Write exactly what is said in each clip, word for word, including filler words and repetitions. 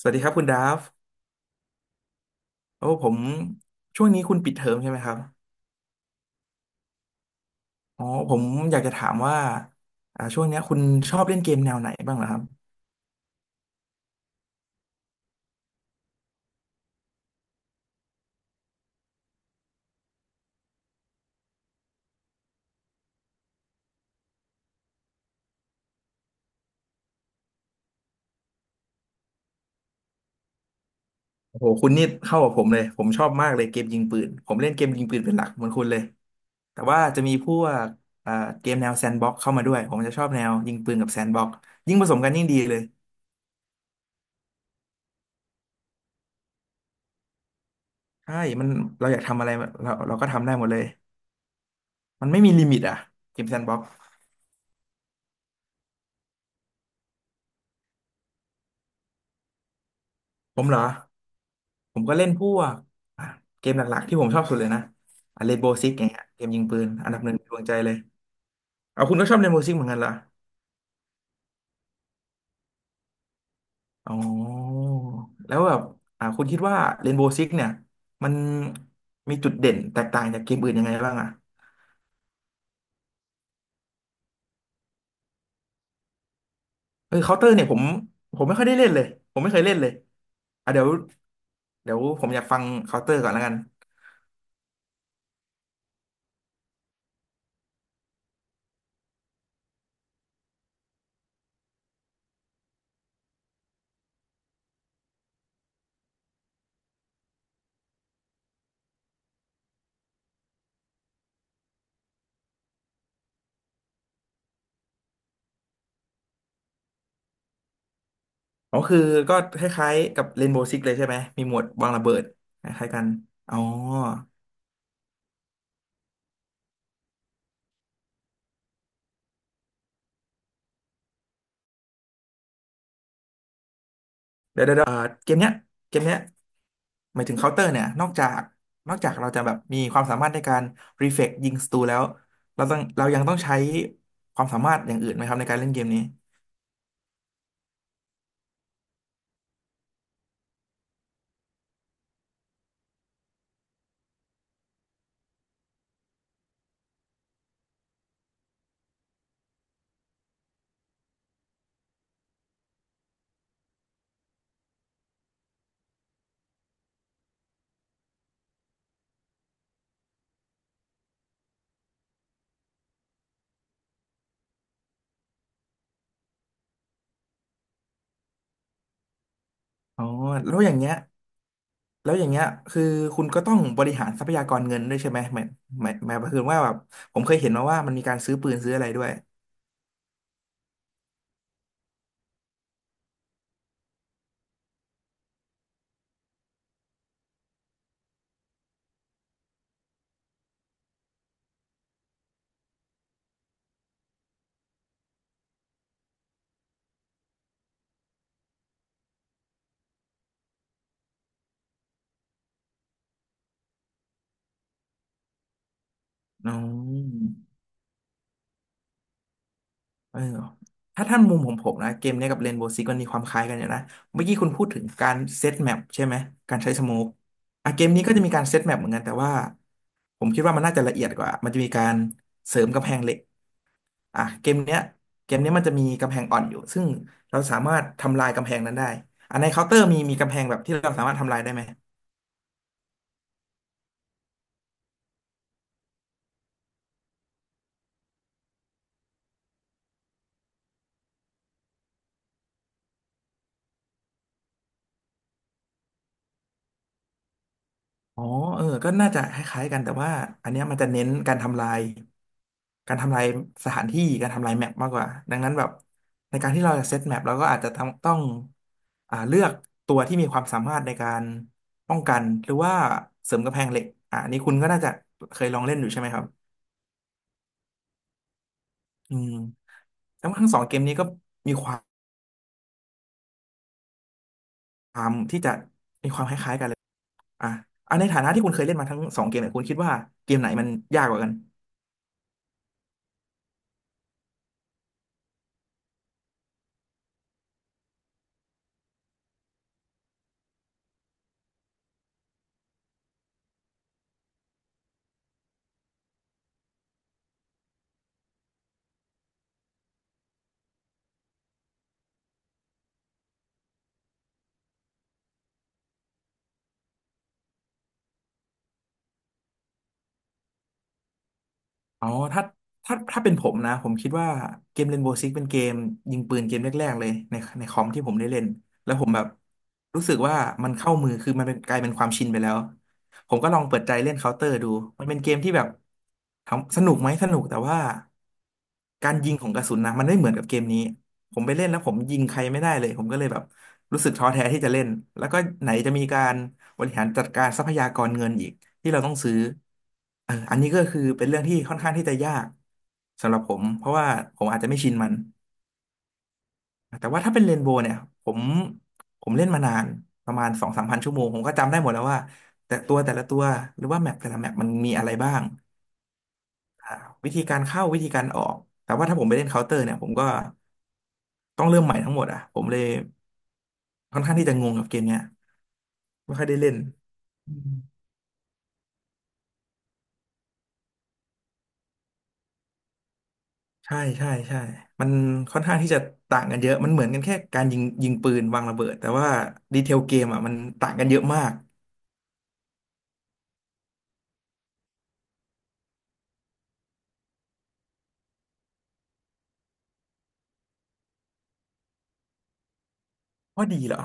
สวัสดีครับคุณดาฟโอ้ผมช่วงนี้คุณปิดเทอมใช่ไหมครับอ๋อผมอยากจะถามว่าอ่าช่วงเนี้ยคุณชอบเล่นเกมแนวไหนบ้างเหรอครับโอ้โหคุณนี่เข้ากับผมเลยผมชอบมากเลยเกมยิงปืนผมเล่นเกมยิงปืนเป็นหลักเหมือนคุณเลยแต่ว่าจะมีพวกอ่าเกมแนวแซนด์บ็อกเข้ามาด้วยผมจะชอบแนวยิงปืนกับแซนด์บ็อกยิ่งผสมกันยิ่งดีเลยใช่มันเราอยากทำอะไรเราเราก็ทำได้หมดเลยมันไม่มีลิมิตอ่ะเกมแซนด์บ็อกผมเหรอ ผมก็เล่นพวกอ่ะเกมหลักๆที่ผมชอบสุดเลยนะอ่ะเรนโบว์ซิกอย่างเงี้ยเกมยิงปืนอันดับหนึ่งในดวงใจเลยเอาคุณก็ชอบเรนโบว์ซิกเหมือนกันเหรออ๋อแล้วแบบอ่าคุณคิดว่าเรนโบวซิกเนี่ยมันมีจุดเด่นแตกต่างจากเกมอื่นยังไงบ้างอ่ะเออเคาน์เตอร์เนี่ยผมผมไม่ค่อยได้เล่นเลยผมไม่เคยเล่นเลยอ่ะเดี๋ยวเดี๋ยวผมอยากฟังเคาน์เตอร์ก่อนแล้วกันอ๋อคือก็คล้ายๆกับเรนโบ o ์ซิกเลยใช่ไหมมีหมวดวางระเบิดคล้ายๆกันอ๋อ เดี๋ยวเดี๋ยวเดี๋ยวอ่าเกมเนี้ยเกมเนี้ยหมายถึงเคาน์เตอร์เนี่ยนอกจากนอกจากเราจะแบบมีความสามารถในการรีเฟกยิงศัตรูแล้วเราต้องเรายังต้องใช้ความสามารถอย่างอื่นไหมครับในการเล่นเกมนี้อ๋อแล้วอย่างเงี้ยแล้วอย่างเงี้ยคือคุณก็ต้องบริหารทรัพยากรเงินด้วยใช่ไหมหมายหมายหมายความว่าแบบผมเคยเห็นมาว่ามันมีการซื้อปืนซื้ออะไรด้วยอ๋อ เออถ้าท่านมุมของผมนะเกมเนี้ยกับเรนโบว์ซิกมันมีความคล้ายกันอยู่นะเมื่อกี้คุณพูดถึงการเซตแมปใช่ไหมการใช้สโมกอ่ะเกมนี้ก็จะมีการเซตแมปเหมือนกันแต่ว่าผมคิดว่ามันน่าจะละเอียดกว่ามันจะมีการเสริมกำแพงเหล็กอ่ะเกมเนี้ยเกมเนี้ยมันจะมีกำแพงอ่อนอยู่ซึ่งเราสามารถทำลายกำแพงนั้นได้อันในเคาน์เตอร์มีมีกำแพงแบบที่เราสามารถทำลายได้ไหม อ๋อเออก็น่าจะคล้ายๆกันแต่ว่าอันเนี้ยมันจะเน้นการทำลายการทำลายสถานที่การทำลายแมปมากกว่าดังนั้นแบบในการที่เราจะเซตแมปเราก็อาจจะต้องต้องอ่าเลือกตัวที่มีความสามารถในการป้องกันหรือว่าเสริมกำแพงเหล็กอ่าอันนี้คุณก็น่าจะเคยลองเล่นอยู่ใช่ไหมครับอืมแล้วทั้งสองเกมนี้ก็มีความที่จะมีความคล้ายๆกันอ่ะอ่ะในฐานะที่คุณเคยเล่นมาทั้งสองเกมเนี่ยคุณคิดว่าเกมไหนมันยากกว่ากัน อ๋อถ้าถ้าถ้าเป็นผมนะผมคิดว่าเกม Rainbow Six เป็นเกมยิงปืนเกมแรกๆเลยในในคอมที่ผมได้เล่นแล้วผมแบบรู้สึกว่ามันเข้ามือคือมันเป็นกลายเป็นความชินไปแล้วผมก็ลองเปิดใจเล่นเคาน์เตอร์ดูมันเป็นเกมที่แบบถามสนุกไหมสนุกแต่ว่าการยิงของกระสุนนะมันไม่เหมือนกับเกมนี้ผมไปเล่นแล้วผมยิงใครไม่ได้เลยผมก็เลยแบบรู้สึกท้อแท้ที่จะเล่นแล้วก็ไหนจะมีการบริหารจัดการทรัพยากรเงินอีก ที่เราต้องซื้ออันอันนี้ก็คือเป็นเรื่องที่ค่อนข้างที่จะยากสำหรับผมเพราะว่าผมอาจจะไม่ชินมัน แต่ว่าถ้าเป็นเรนโบว์เนี่ยผมผมเล่นมานานประมาณสองสามพันชั่วโมงผมก็จำได้หมดแล้วว่าแต่ตัวแต่ละตัวหรือว่าแมปแต่ละแมปมันมีอะไรบ้างอ่าวิธีการเข้าวิธีการออกแต่ว่าถ้าผมไปเล่นเคาน์เตอร์เนี่ยผมก็ต้องเริ่มใหม่ทั้งหมดอ่ะผมเลยค่อนข้างที่จะงงกับเกมเนี้ยไม่ค่อยได้เล่นอืม ใช่ใช่ใช่มันค่อนข้างที่จะต่างกันเยอะ มันเหมือนกันแค่การยิงยิงปืนวางระเบิด แต่ว่าดีเทลเกมอ่ะมันต่างกันเยอะมาก ว่าดีเหรอ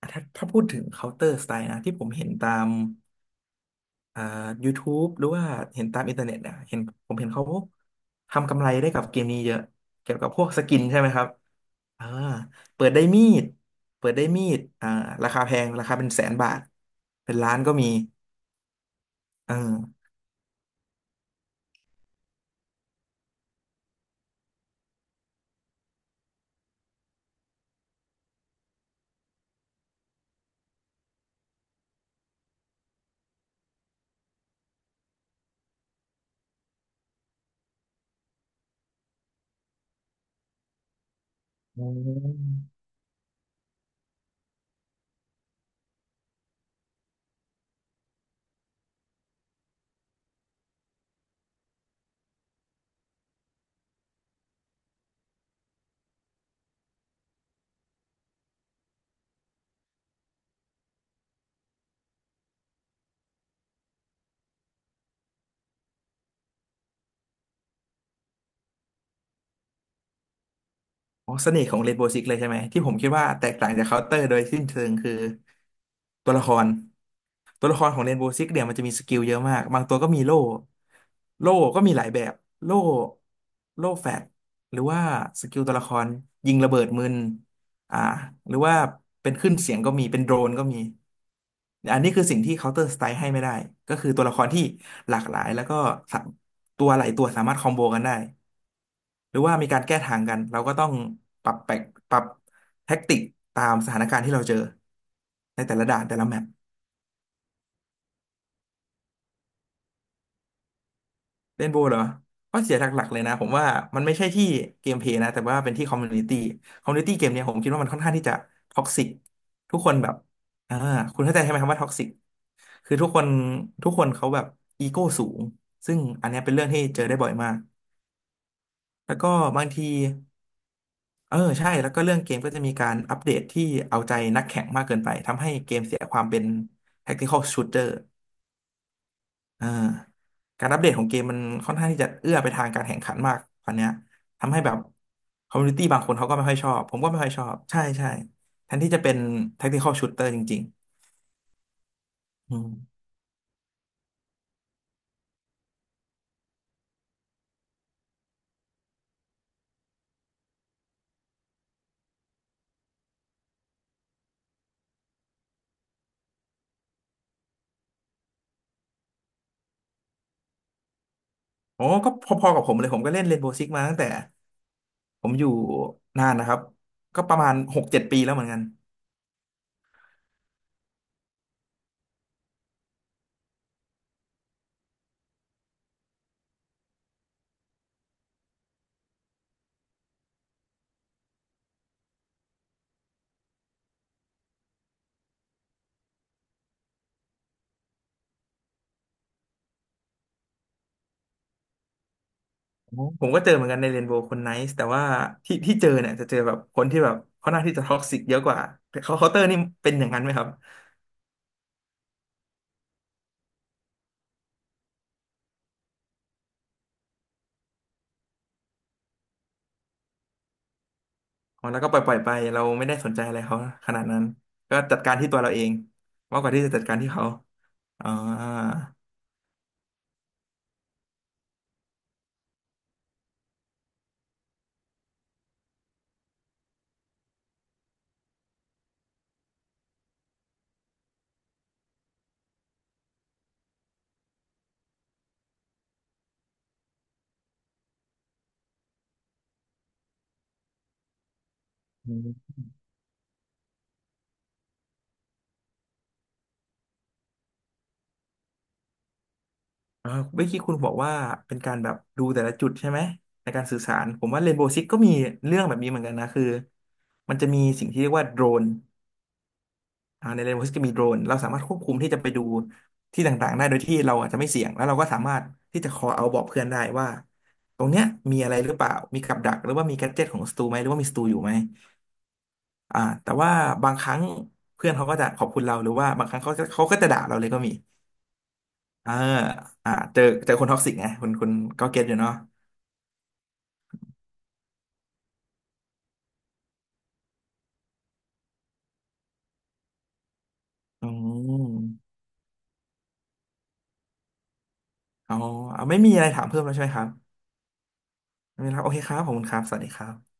อ่ะถ้าถ้าพูดถึง Counter Strike นะที่ผมเห็นตามเอ่อ YouTube หรือว่าเห็นตามอินเทอร์เน็ตเนี่ยเห็นผมเห็นเขาทำกำไรได้กับเกมนี้เยอะเกี่ยวกับพวกสกินใช่ไหมครับอ่าเปิดได้มีดเปิดได้มีดอ่าราคาแพงราคาเป็นแสนบาทเป็นล้านก็มีเออ อ๋อเสน่ห์ของเรนโบว์ซิกเลยใช่ไหมที่ผมคิดว่าแตกต่างจากเคาน์เตอร์โดยสิ้นเชิงคือตัวละครตัวละครของเรนโบว์ซิกเนี่ยมันจะมีสกิลเยอะมากบางตัวก็มีโล่โล่ก็มีหลายแบบโล่โล่แฟตหรือว่าสกิลตัวละครยิงระเบิดมึนอ่าหรือว่าเป็นขึ้นเสียงก็มีเป็นโดรนก็มีอันนี้คือสิ่งที่เคาน์เตอร์สไตล์ให้ไม่ได้ก็คือตัวละครที่หลากหลายแล้วก็สาตัวหลายตัวสามารถคอมโบกันได้ หรือว่ามีการแก้ทางกันเราก็ต้องปรับแปลกปรับแท็กติกตามสถานการณ์ที่เราเจอในแต่ละด่านแต่ละแมปเล่นโบว์เหรอข้อเสียหลักๆเลยนะผมว่ามันไม่ใช่ที่เกมเพลย์นะแต่ว่าเป็นที่คอมมูนิตี้คอมมูนิตี้เกมเนี่ยผมคิดว่ามันค่อนข้างที่จะท็อกซิกทุกคนแบบอ่าคุณเข้าใจใช่ไหมครับว่าท็อกซิกคือทุกคนทุกคนเขาแบบอีโก้สูงซึ่งอันเนี้ยเป็นเรื่องที่เจอได้บ่อยมากแล้วก็บางที เออใช่แล้วก็เรื่องเกมก็จะมีการอัปเดตที่เอาใจนักแข่งมากเกินไปทำให้เกมเสียความเป็น tactical shooter อ่าการอัปเดตของเกมมันค่อนข้างที่จะเอื้อไปทางการแข่งขันมากตอนเนี้ยทำให้แบบคอมมูนิตี้บางคนเขาก็ไม่ค่อยชอบผมก็ไม่ค่อยชอบใช่ใช่แทนที่จะเป็น tactical shooter จริงๆอืมโอ้ก็พอๆกับผมเลยผมก็เล่น เรนโบว์ ซิกซ์ มาตั้งแต่ผมอยู่นานนะครับก็ประมาณหกเจ็ดปีแล้วเหมือนกัน ผมก็เจอเหมือนกันในเรนโบว์คนไนซ์แต่ว่าที่ที่เจอเนี่ยจะเจอแบบคนที่แบบเข่หน้าที่จะท็อกซิกเยอะกว่าเขาเคาน์เตอร์นี่เป็นอย่างนั้นไหมครับอ๋อแล้วก็ปล่อยปล่อยไปเราไม่ได้สนใจอะไรเขาขนาดนั้นก็จัดการที่ตัวเราเองมากกว่าที่จะจัดการที่เขาอ่าอืมอ่าเมื่อกี้คุณบอกว่าเป็นการแบบดูแต่ละจุดใช่ไหมในการสื่อสารผมว่าเรนโบว์ซิกก็มีเรื่องแบบนี้เหมือนกันนะคือมันจะมีสิ่งที่เรียกว่าโดรน อ่าในเรนโว์ซกก็มีโดรนเราสามารถควบคุมที่จะไปดูที่ต่างๆได้โดยที่เราอาจจะไม่เสี่ยงแล้วเราก็สามารถที่จะคอเอาบอกเพื่อนได้ว่าตรงเนี้ยมีอะไรหรือเปล่ามีกับดักหรือว่ามีแกดเจ็ตของสตูไหมหรือว่ามีสตูอยู่ไหมอ่าแต่ว่าบางครั้งเพื่อนเขาก็จะขอบคุณเราหรือว่าบางครั้งเขาจะเขาก็จะด่าเราเลยก็มีเอออ่าเจอเจอคนท็อกซิกไงคุณคุณก็เก็ตอยู่เนาะอืมอ๋อไม่มีอะไรถามเพิ่มแล้วใช่ไหมครับไม่มีแล้วโอเคครับขอบคุณครับสวัสดีครับ